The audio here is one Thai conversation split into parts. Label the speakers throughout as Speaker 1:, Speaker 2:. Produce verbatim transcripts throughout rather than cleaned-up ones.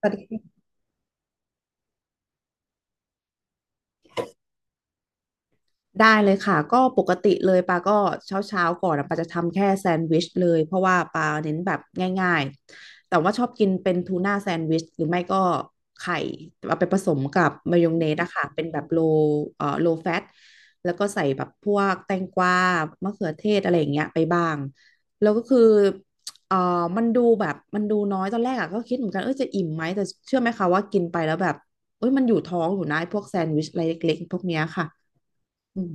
Speaker 1: สวัสดีค่ะได้เลยค่ะก็ปกติเลยปาก็เช้าเช้าก่อนอะปาจะทำแค่แซนด์วิชเลยเพราะว่าปาเน้นแบบง่ายๆแต่ว่าชอบกินเป็นทูน่าแซนด์วิชหรือไม่ก็ไข่เอาไปผสมกับมายองเนสอะค่ะเป็นแบบโลเอ่อโลแฟตแล้วก็ใส่แบบพวกแตงกวามะเขือเทศอะไรอย่างเงี้ยไปบ้างแล้วก็คือเอ่อมันดูแบบมันดูน้อยตอนแรกอะก็คิดเหมือนกันเออจะอิ่มไหมแต่เชื่อไหมคะว่ากินไปแล้วแบบเอ้ยมันอยู่ท้องอยู่นะไอ้พวกแซนด์วิชอะไรเล็กๆพวกเนี้ยค่ะ อืม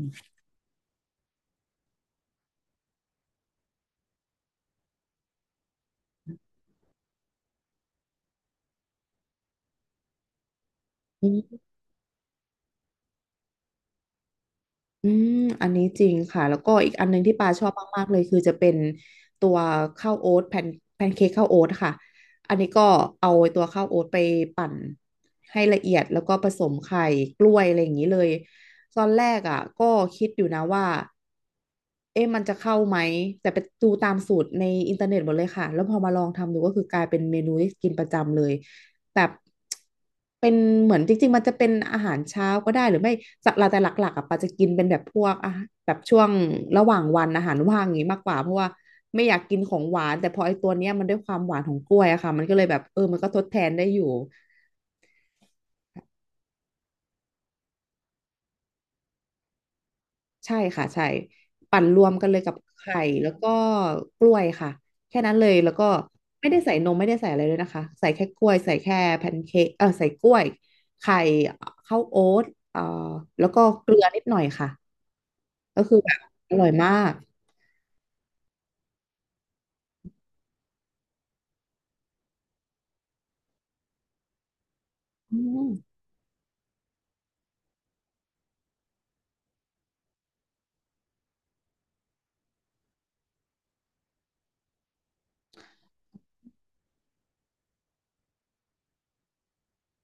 Speaker 1: อืมอืมอันนี้จริงค่ะ แล้วก็อีกอันหนึงที่ปาชอบมากๆเลยคือจะเป็นตัวข้าวโอ๊ตแผ่นแพนเค้กข้าวโอ๊ตค่ะอันนี้ก็เอาตัวข้าวโอ๊ตไปปั่นให้ละเอียดแล้วก็ผสมไข่กล้วยอะไรอย่างนี้เลย ตอนแรกอ่ะก็คิดอยู่นะว่าเอ๊ะมันจะเข้าไหมแต่ไปดูตามสูตรในอินเทอร์เน็ตหมดเลยค่ะแล้วพอมาลองทำดูก็คือกลายเป็นเมนูที่กินประจำเลย แบบเป็นเหมือนจริงๆมันจะเป็นอาหารเช้าก็ได้หรือไม่สักแต่หลักๆอ่ะปาจะกินเป็นแบบพวกอ่ะแบบช่วงระหว่างวันอาหารว่างอย่างงี้มากกว่าเพราะว่าไม่อยากกินของหวานแต่พอไอ้ตัวเนี้ยมันด้วยความหวานของกล้วยอะค่ะมันก็เลยแบบเออมันก็ทดแทนได้อยู่ใช่ค่ะใช่ปั่นรวมกันเลยกับไข่แล้วก็กล้วยค่ะแค่นั้นเลยแล้วก็ไม่ได้ใส่นมไม่ได้ใส่อะไรเลยนะคะใส่แค่กล้วยใส่แค่แพนเค้กเออใส่กล้วยไข่ข้าวโอ๊ตเอ่อแล้วก็เกลือนิดหน่อยค่ะ ก็คือแบบอร่อยมากอืม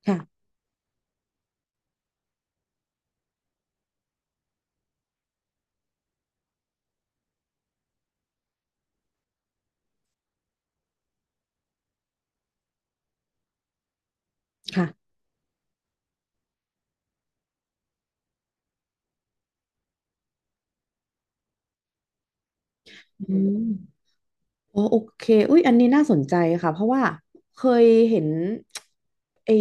Speaker 1: ค่ะค่ะอืมอ๋อโอเคอุ้ยอันนี้น่าสนใจค่ะ เพราะว่าเคยเห็นไอ้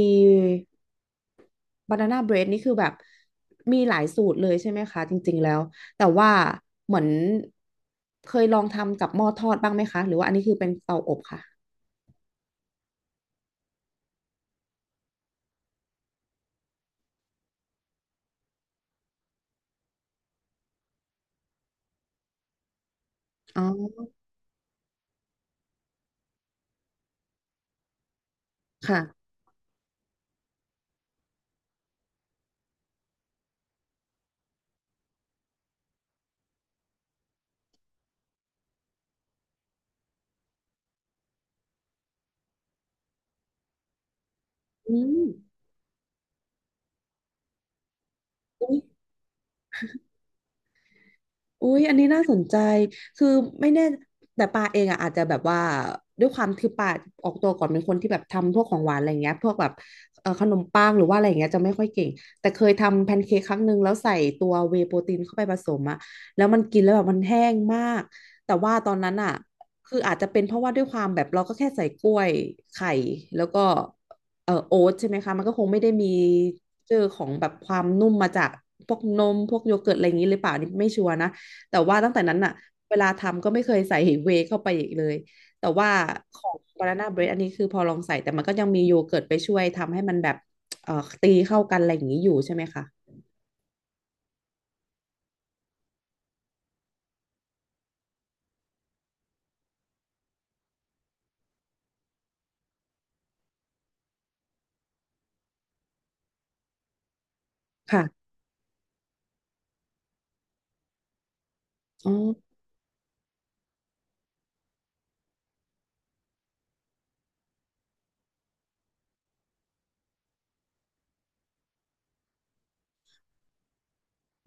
Speaker 1: บานาน่าเบรดนี่คือแบบมีหลายสูตรเลยใช่ไหมคะจริงๆแล้ว แต่ว่าเหมือนเคยลองทำกับหม้อทอดบ้างไหมคะ หรือว่าอันนี้คือเป็นเตาอบค่ะอ๋อค่ะอืม อุ้ยอันนี้น่าสนใจคือไม่แน่แต่ปาเองอ่ะอาจจะแบบว่าด้วยความคือปาออกตัวก่อนเป็นคนที่แบบทำพวกของหวานอะไรเงี้ยพวกแบบเอ่อขนมปังหรือว่าอะไรเงี้ยจะไม่ค่อยเก่งแต่เคยทำแพนเค้กครั้งหนึ่งแล้วใส่ตัวเวย์โปรตีนเข้าไปผสมอะแล้วมันกินแล้วแบบมันแห้งมาก แต่ว่าตอนนั้นอ่ะคืออาจจะเป็นเพราะว่าด้วยความแบบเราก็แค่ใส่กล้วยไข่แล้วก็เอ่อโอ๊ตใช่ไหมคะมันก็คงไม่ได้มีเจอของแบบความนุ่มมาจากพวกนมพวกโยเกิร์ตอะไรอย่างนี้หรือเปล่านี่ไม่ชัวร์นะ แต่ว่าตั้งแต่นั้นน่ะเวลาทำก็ไม่เคยใส่เวย์เข้าไปอีกเลยแต่ว่าของ Banana Bread อันนี้คือพอลองใส่แต่มันก็ยังมีโยเกิร์ตไปช่วยทำให้มันแบบเอ่อตีเข้ากันอะไรอย่างนี้อยู่ใช่ไหมคะค่ะอ๋อ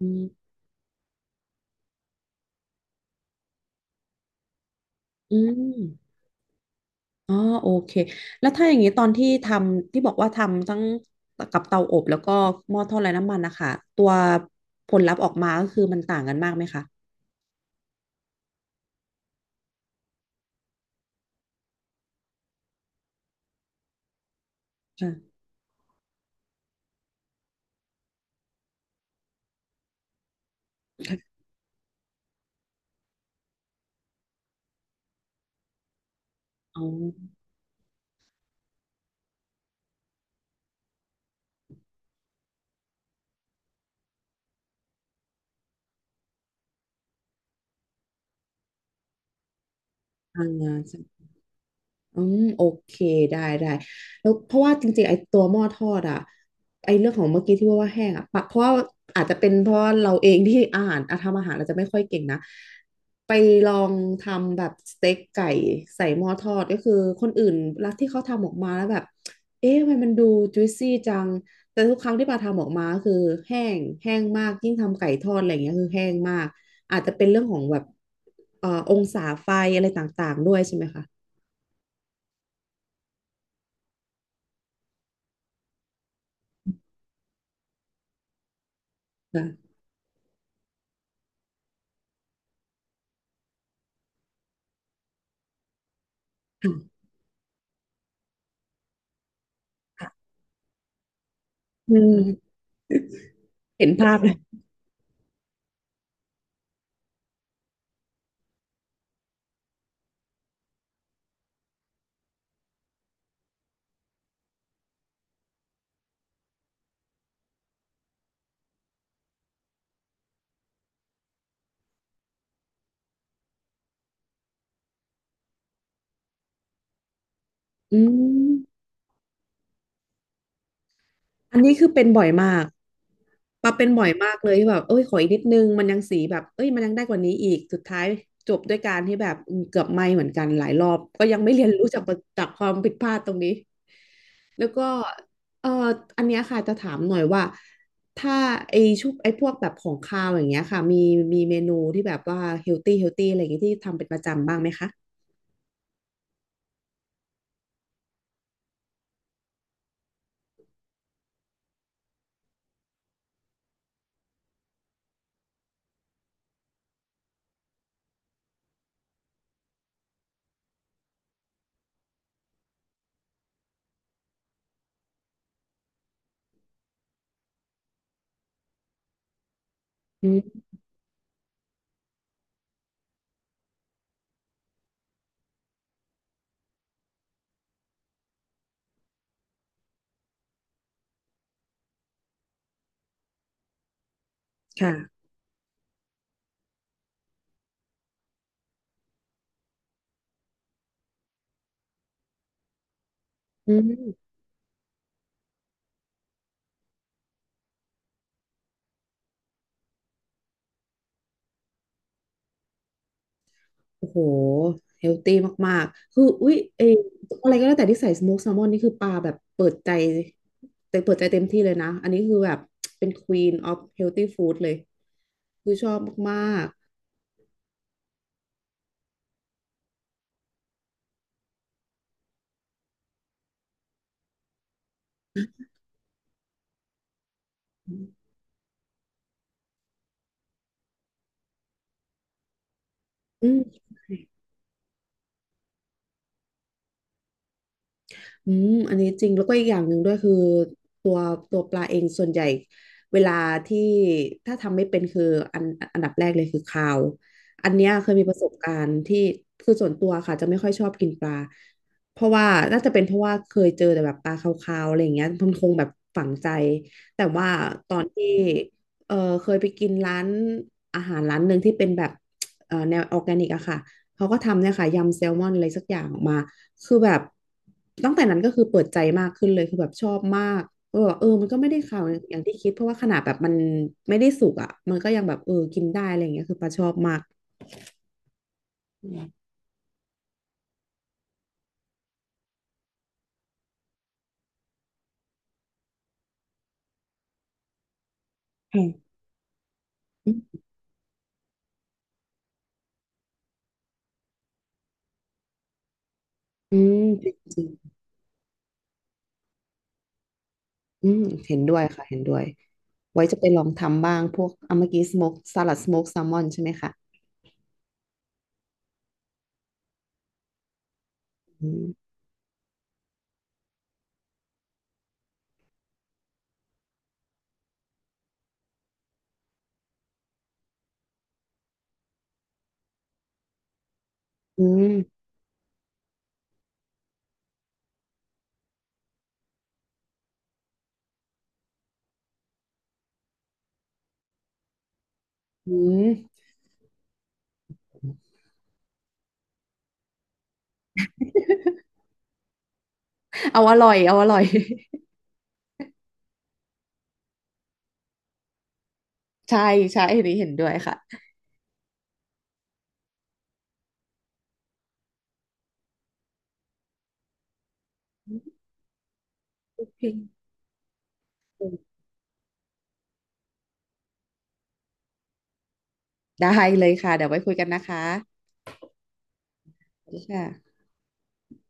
Speaker 1: อืมอืมอ๋อโอเคแล้วถ้าอย่างนี้ตอนที่ทำที่บอกว่าทำทั้งกับเตาอบแล้วก็หม้อทอดไร้น้ำมันนะคะตัวผลลัพธ์ออกมาก็คือมันต่างกันมากไหมคะค่ะค่ะอ๋ออ่า อืมโอเคได้ได้แล้วเพราะว่าจริงๆไอ้ตัวหม้อทอดอ่ะไอ้เรื่องของเมื่อกี้ที่ว่าว่าแห้งอ่ะปะเพราะว่าอาจจะเป็นเพราะเราเองที่อาหารอ่ะทำอาหารอาจจะไม่ค่อยเก่งนะไปลองทำแบบสเต็กไก่ใส่หม้อทอดก็คือคนอื่นรัลที่เขาทำออกมาแล้วแบบเอ๊ะทำไมมันดูจุยซี่จังแต่ทุกครั้งที่ปาทำออกมาก็คือแห้งแห้งมากยิ่งทำไก่ทอดอะไรอย่างเงี้ยคือแห้งมากอาจจะเป็นเรื่องของแบบเอ่อองศาไฟอะไรต่างๆด้วยใช่ไหมคะค่ะ อืมเห็นภาพเลยอืมอันนี้คือเป็นบ่อยมากปาเป็นบ่อยมากเลยที่แบบเอ้ยขออีกนิดนึงมันยังสีแบบเอ้ยมันยังได้กว่านี้อีก สุดท้ายจบด้วยการที่แบบอืมเกือบไหม้เหมือนกันหลายรอบ ก็ยังไม่เรียนรู้จากประจากความผิดพลาดตรงนี้ แล้วก็เอ่ออันเนี้ยค่ะจะถามหน่อยว่า ถ้าไอชุบไอพวกแบบของคาวอย่างเงี้ยค่ะมีมีเมนูที่แบบว่าเฮลตี้เฮลตี้อะไรอย่างเงี้ยที่ทำเป็นประจำบ้างไหมคะอืมค่ะอืม โอ้โหเฮลตี้มากๆคืออุ๊ยเอออะไรก็แล้วแต่ที่ใส่สโมกแซลมอนนี่คือปลาแบบเปิดใจแต่เปิดใจเต็มที่เลยนะ อันนี้คือแบบเป็น Queen of Healthy Food เลย คือชอบมากๆอืม อืมอันนี้จริงแล้วก็อีกอย่างหนึ่งด้วยคือตัวตัวปลาเองส่วนใหญ่เวลาที่ถ้าทำไม่เป็นคืออันอันดับแรกเลยคือคาวอันเนี้ยเคยมีประสบการณ์ที่คือส่วนตัวค่ะจะไม่ค่อยชอบกินปลาเพราะว่าน่าจะเป็นเพราะว่าเคยเจอแต่แบบปลาคาวๆอะไรอย่างเงี้ยมันคงแบบฝังใจแต่ว่าตอนที่เออเคยไปกินร้านอาหารร้านหนึ่งที่เป็นแบบเออแนวออร์แกนิกอะค่ะเขาก็ทำเนี่ยค่ะยำแซลมอนอะไรสักอย่างออกมา คือแบบตั้งแต่นั้นก็คือเปิดใจมากขึ้นเลยคือแบบชอบมากก็แบบเออมันก็ไม่ได้ข่าวอย่างที่คิดเพราะว่าขนาดแบบมันไม่ได้สุกอ่ะมันก็ยังแบบเออกินได้อะไรอย่างเงี้ยคือปลาชอบมากอืมค่ะอือืมจริงๆอืมเห็นด้วยค่ะเห็นด้วยไว้จะไปลองทำบ้างพวกอ่ะเมื่อกี้สโมกสลัดสโมกแซลมอนใช่ไหมคะอืมอืมอืมเอาอร่อยเอาอร่อย ใช่ใช่อันนี้เห็นด้วยค่ะโอเคได้เลยค่ะเดี๋ยวไว้คุยกันนะคะสวัสดีค่ะ